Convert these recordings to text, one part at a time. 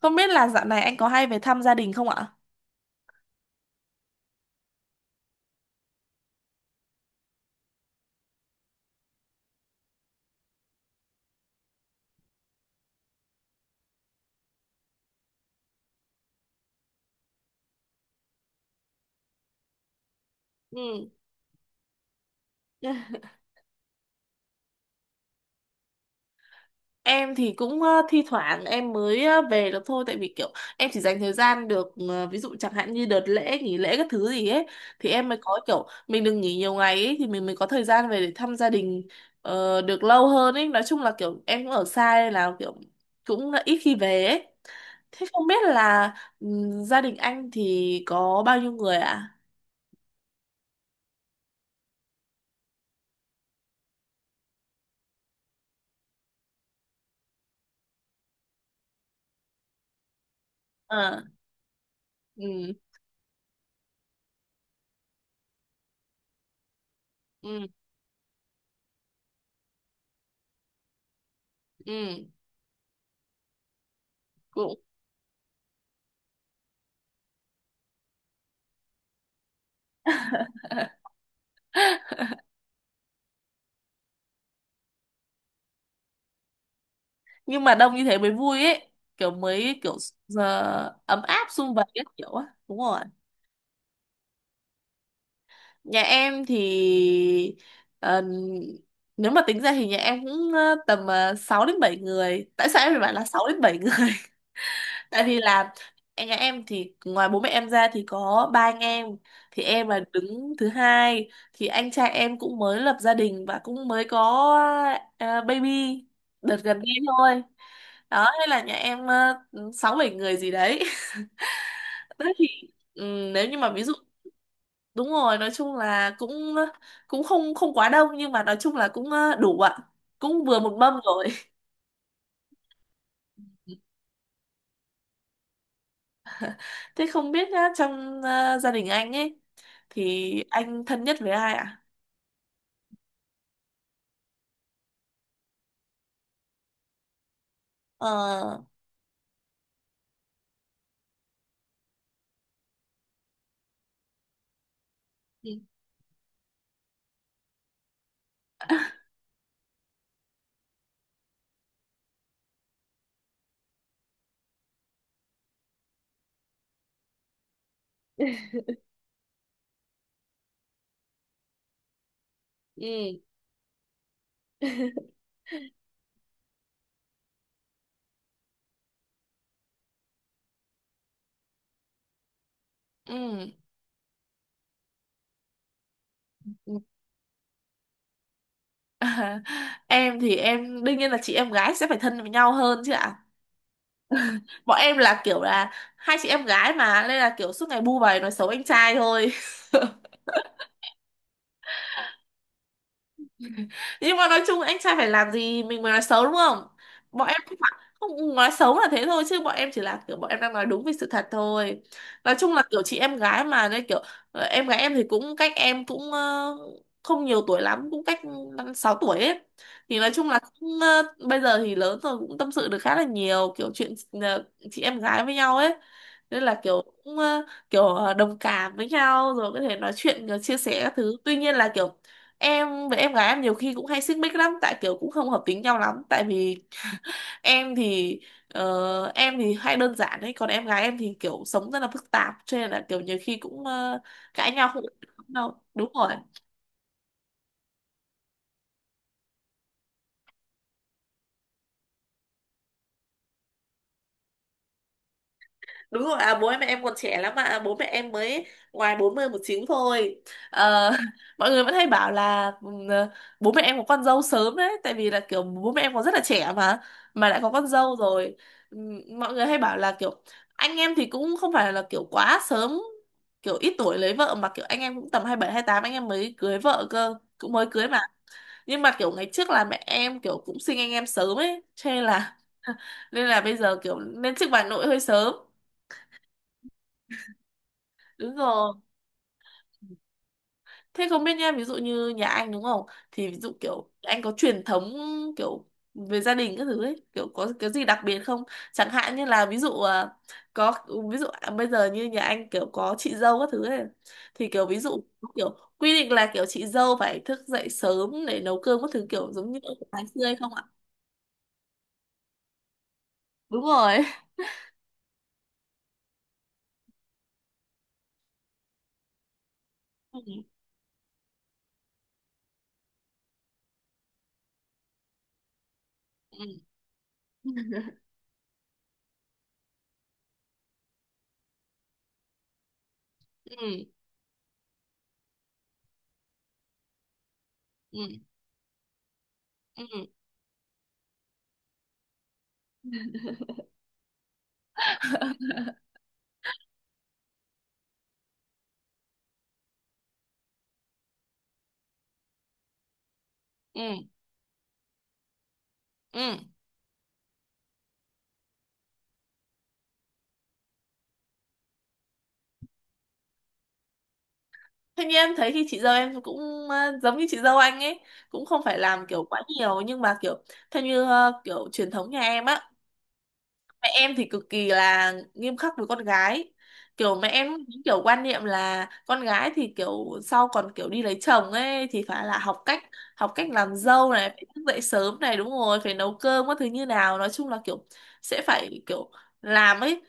Không biết là dạo này anh có hay về thăm gia đình không ạ? Ừ. Em thì cũng thi thoảng em mới về được thôi tại vì kiểu em chỉ dành thời gian được ví dụ chẳng hạn như đợt lễ nghỉ lễ các thứ gì ấy thì em mới có kiểu mình đừng nghỉ nhiều ngày ấy thì mình mới có thời gian về để thăm gia đình được lâu hơn ấy. Nói chung là kiểu em cũng ở xa nên là kiểu cũng là ít khi về ấy. Thế không biết là gia đình anh thì có bao nhiêu người ạ? Ờ, ừ. Ừ. Ừ. Ừ. Nhưng mà đông như thế mới vui ấy, kiểu mới kiểu ấm áp sum vầy các kiểu á. Đúng rồi. Nhà em thì ờ, nếu mà tính ra thì nhà em cũng tầm 6 đến 7 người. Tại sao em phải bảo là 6 đến 7 người? Tại vì là em nhà em thì ngoài bố mẹ em ra thì có ba anh em. Thì em là đứng thứ hai, thì anh trai em cũng mới lập gia đình và cũng mới có baby đợt gần đây thôi. Đó nên là nhà em sáu bảy người gì đấy. Thế thì nếu như mà ví dụ đúng rồi nói chung là cũng cũng không không quá đông, nhưng mà nói chung là cũng đủ ạ, cũng vừa một mâm rồi. Thế không biết nhá, trong gia đình anh ấy thì anh thân nhất với ai ạ? Ờ. Ừ. Ừ. Ừ. À, em thì em đương nhiên là chị em gái sẽ phải thân với nhau hơn chứ ạ. Bọn em là kiểu là hai chị em gái mà, nên là kiểu suốt ngày bu vầy nói xấu anh trai thôi. Nhưng mà nói chung anh trai phải làm gì mình mới nói xấu, đúng không? Bọn em không phải không nói xấu là thế thôi, chứ bọn em chỉ là kiểu bọn em đang nói đúng về sự thật thôi. Nói chung là kiểu chị em gái mà nên kiểu em gái em thì cũng cách em cũng không nhiều tuổi lắm, cũng cách 5-6 tuổi ấy. Thì nói chung là cũng, bây giờ thì lớn rồi cũng tâm sự được khá là nhiều kiểu chuyện ờ, chị em gái với nhau ấy. Nên là kiểu cũng kiểu đồng cảm với nhau rồi có thể nói chuyện chia sẻ các thứ. Tuy nhiên là kiểu em với em gái em nhiều khi cũng hay xích mích lắm, tại kiểu cũng không hợp tính nhau lắm. Tại vì em thì em thì hay đơn giản đấy, còn em gái em thì kiểu sống rất là phức tạp cho nên là kiểu nhiều khi cũng cãi nhau không ổn đâu, đúng rồi. Đúng rồi, à, bố em mẹ em còn trẻ lắm mà, bố mẹ em mới ngoài 40 một chín thôi. Ờ, mọi người vẫn hay bảo là bố mẹ em có con dâu sớm đấy, tại vì là kiểu bố mẹ em còn rất là trẻ mà lại có con dâu rồi. Mọi người hay bảo là kiểu anh em thì cũng không phải là kiểu quá sớm, kiểu ít tuổi lấy vợ mà kiểu anh em cũng tầm 27 28 anh em mới cưới vợ cơ, cũng mới cưới mà. Nhưng mà kiểu ngày trước là mẹ em kiểu cũng sinh anh em sớm ấy, cho nên là bây giờ kiểu lên chức bà nội hơi sớm, đúng rồi. Thế không biết nha ví dụ như nhà anh đúng không, thì ví dụ kiểu anh có truyền thống kiểu về gia đình các thứ ấy kiểu có cái gì đặc biệt không, chẳng hạn như là ví dụ à, có ví dụ à, bây giờ như nhà anh kiểu có chị dâu các thứ ấy thì kiểu ví dụ kiểu quy định là kiểu chị dâu phải thức dậy sớm để nấu cơm các thứ kiểu giống như ở ngày xưa hay không ạ? Đúng rồi. Ừ. Ừ. Ừ. Ừ. Ừ. Ừ. Ừ. Thế nhưng em thấy thì chị dâu em cũng giống như chị dâu anh ấy, cũng không phải làm kiểu quá nhiều. Nhưng mà kiểu theo như kiểu truyền thống nhà em á, mẹ em thì cực kỳ là nghiêm khắc với con gái. Kiểu mẹ em những kiểu quan niệm là con gái thì kiểu sau còn kiểu đi lấy chồng ấy thì phải là học cách làm dâu này, phải thức dậy sớm này đúng rồi, phải nấu cơm các thứ như nào, nói chung là kiểu sẽ phải kiểu làm ấy.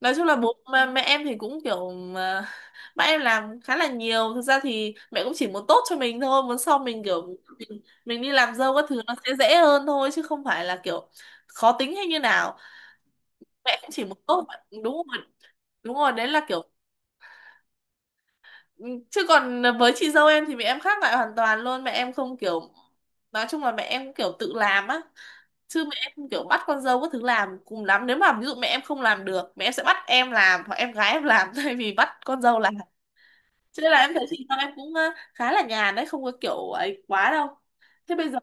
Nói chung là bố mà mẹ em thì cũng kiểu mà, mẹ em làm khá là nhiều. Thực ra thì mẹ cũng chỉ muốn tốt cho mình thôi, muốn sau mình kiểu mình đi làm dâu các thứ nó sẽ dễ hơn thôi, chứ không phải là kiểu khó tính hay như nào, mẹ cũng chỉ muốn tốt mà- đúng rồi, đúng rồi, đấy là kiểu. Ừ, chứ còn với chị dâu em thì mẹ em khác lại hoàn toàn luôn, mẹ em không kiểu, nói chung là mẹ em kiểu tự làm á, chứ mẹ em không kiểu bắt con dâu có thứ làm. Cùng lắm nếu mà ví dụ mẹ em không làm được mẹ em sẽ bắt em làm hoặc em gái em làm thay vì bắt con dâu làm. Cho nên là em thấy chị dâu em cũng khá là nhàn đấy, không có kiểu ấy quá đâu, thế bây giờ.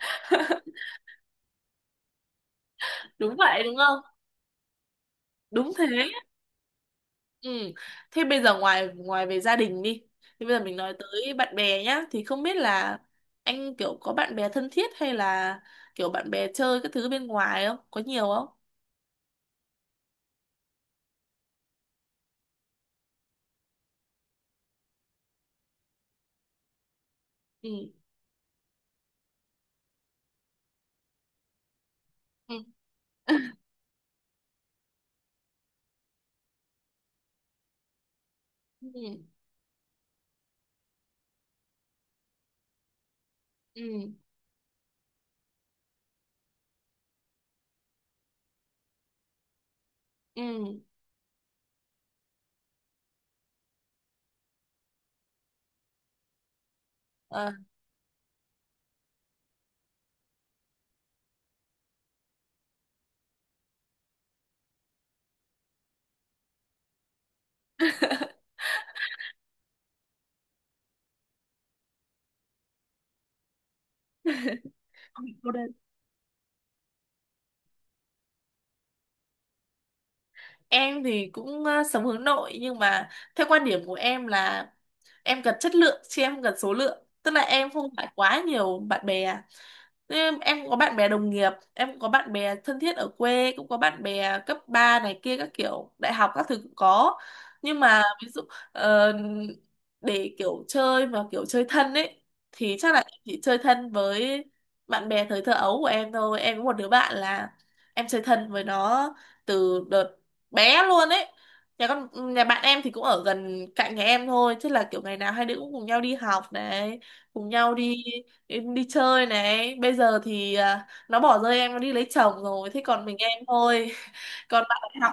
Đúng vậy đúng không, đúng thế. Ừ. Thế bây giờ ngoài ngoài về gia đình đi, thì bây giờ mình nói tới bạn bè nhá, thì không biết là anh kiểu có bạn bè thân thiết hay là kiểu bạn bè chơi các thứ bên ngoài không có nhiều không? Ừ. Ừ. Ừ. Ừ. Ừ. Ờ, không bị cô đơn. Em thì cũng sống hướng nội, nhưng mà theo quan điểm của em là em cần chất lượng chứ em không cần số lượng, tức là em không phải quá nhiều bạn bè. Em có bạn bè đồng nghiệp, em cũng có bạn bè thân thiết ở quê, cũng có bạn bè cấp 3 này kia các kiểu, đại học các thứ cũng có. Nhưng mà ví dụ ờ, để kiểu chơi mà kiểu chơi thân ấy thì chắc là em chỉ chơi thân với bạn bè thời thơ ấu của em thôi. Em có một đứa bạn là em chơi thân với nó từ đợt bé luôn ấy. Nhà con nhà bạn em thì cũng ở gần cạnh nhà em thôi, chứ là kiểu ngày nào hai đứa cũng cùng nhau đi học này, cùng nhau đi em đi chơi này. Bây giờ thì à, nó bỏ rơi em, nó đi lấy chồng rồi thế còn mình em thôi. còn bạn đại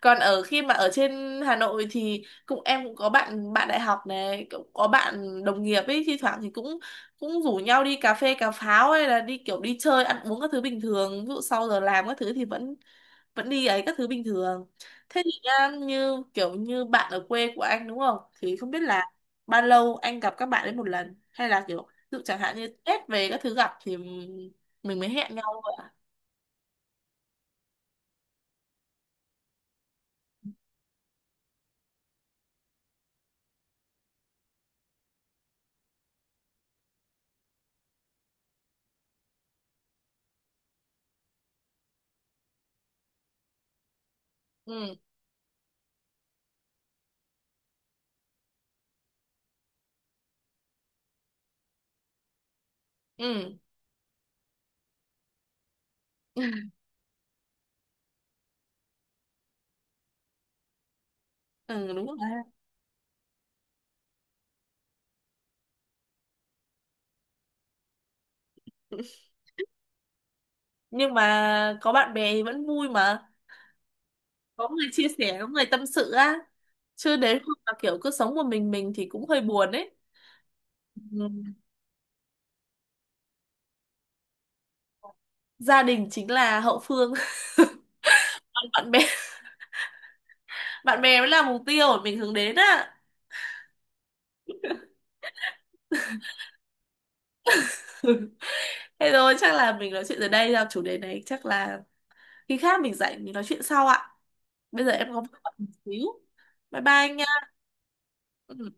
còn ở khi mà ở trên Hà Nội thì cũng em cũng có bạn bạn đại học này, cũng có bạn đồng nghiệp ấy, thi thoảng thì cũng cũng rủ nhau đi cà phê cà pháo, hay là đi kiểu đi chơi ăn uống các thứ bình thường, ví dụ sau giờ làm các thứ thì vẫn vẫn đi ấy các thứ bình thường. Thế thì nha như kiểu như bạn ở quê của anh đúng không, thì không biết là bao lâu anh gặp các bạn ấy một lần hay là kiểu ví dụ chẳng hạn như Tết về các thứ gặp thì mình mới hẹn nhau vậy? Ừ. Ừ. Ừ, đúng rồi. Nhưng mà có bạn bè thì vẫn vui mà, có người chia sẻ có người tâm sự á, chứ nếu không mà kiểu cứ sống một mình thì cũng hơi buồn ấy. Ừ. Gia đình chính là hậu phương. Còn bạn bè, bạn bè mới là mục tiêu mà mình hướng đến á. Thế rồi chắc là mình nói chuyện ở đây ra chủ đề này, chắc là khi khác mình rảnh mình nói chuyện sau ạ. Bây giờ em có việc bận một xíu, bye bye anh nha. Ừ.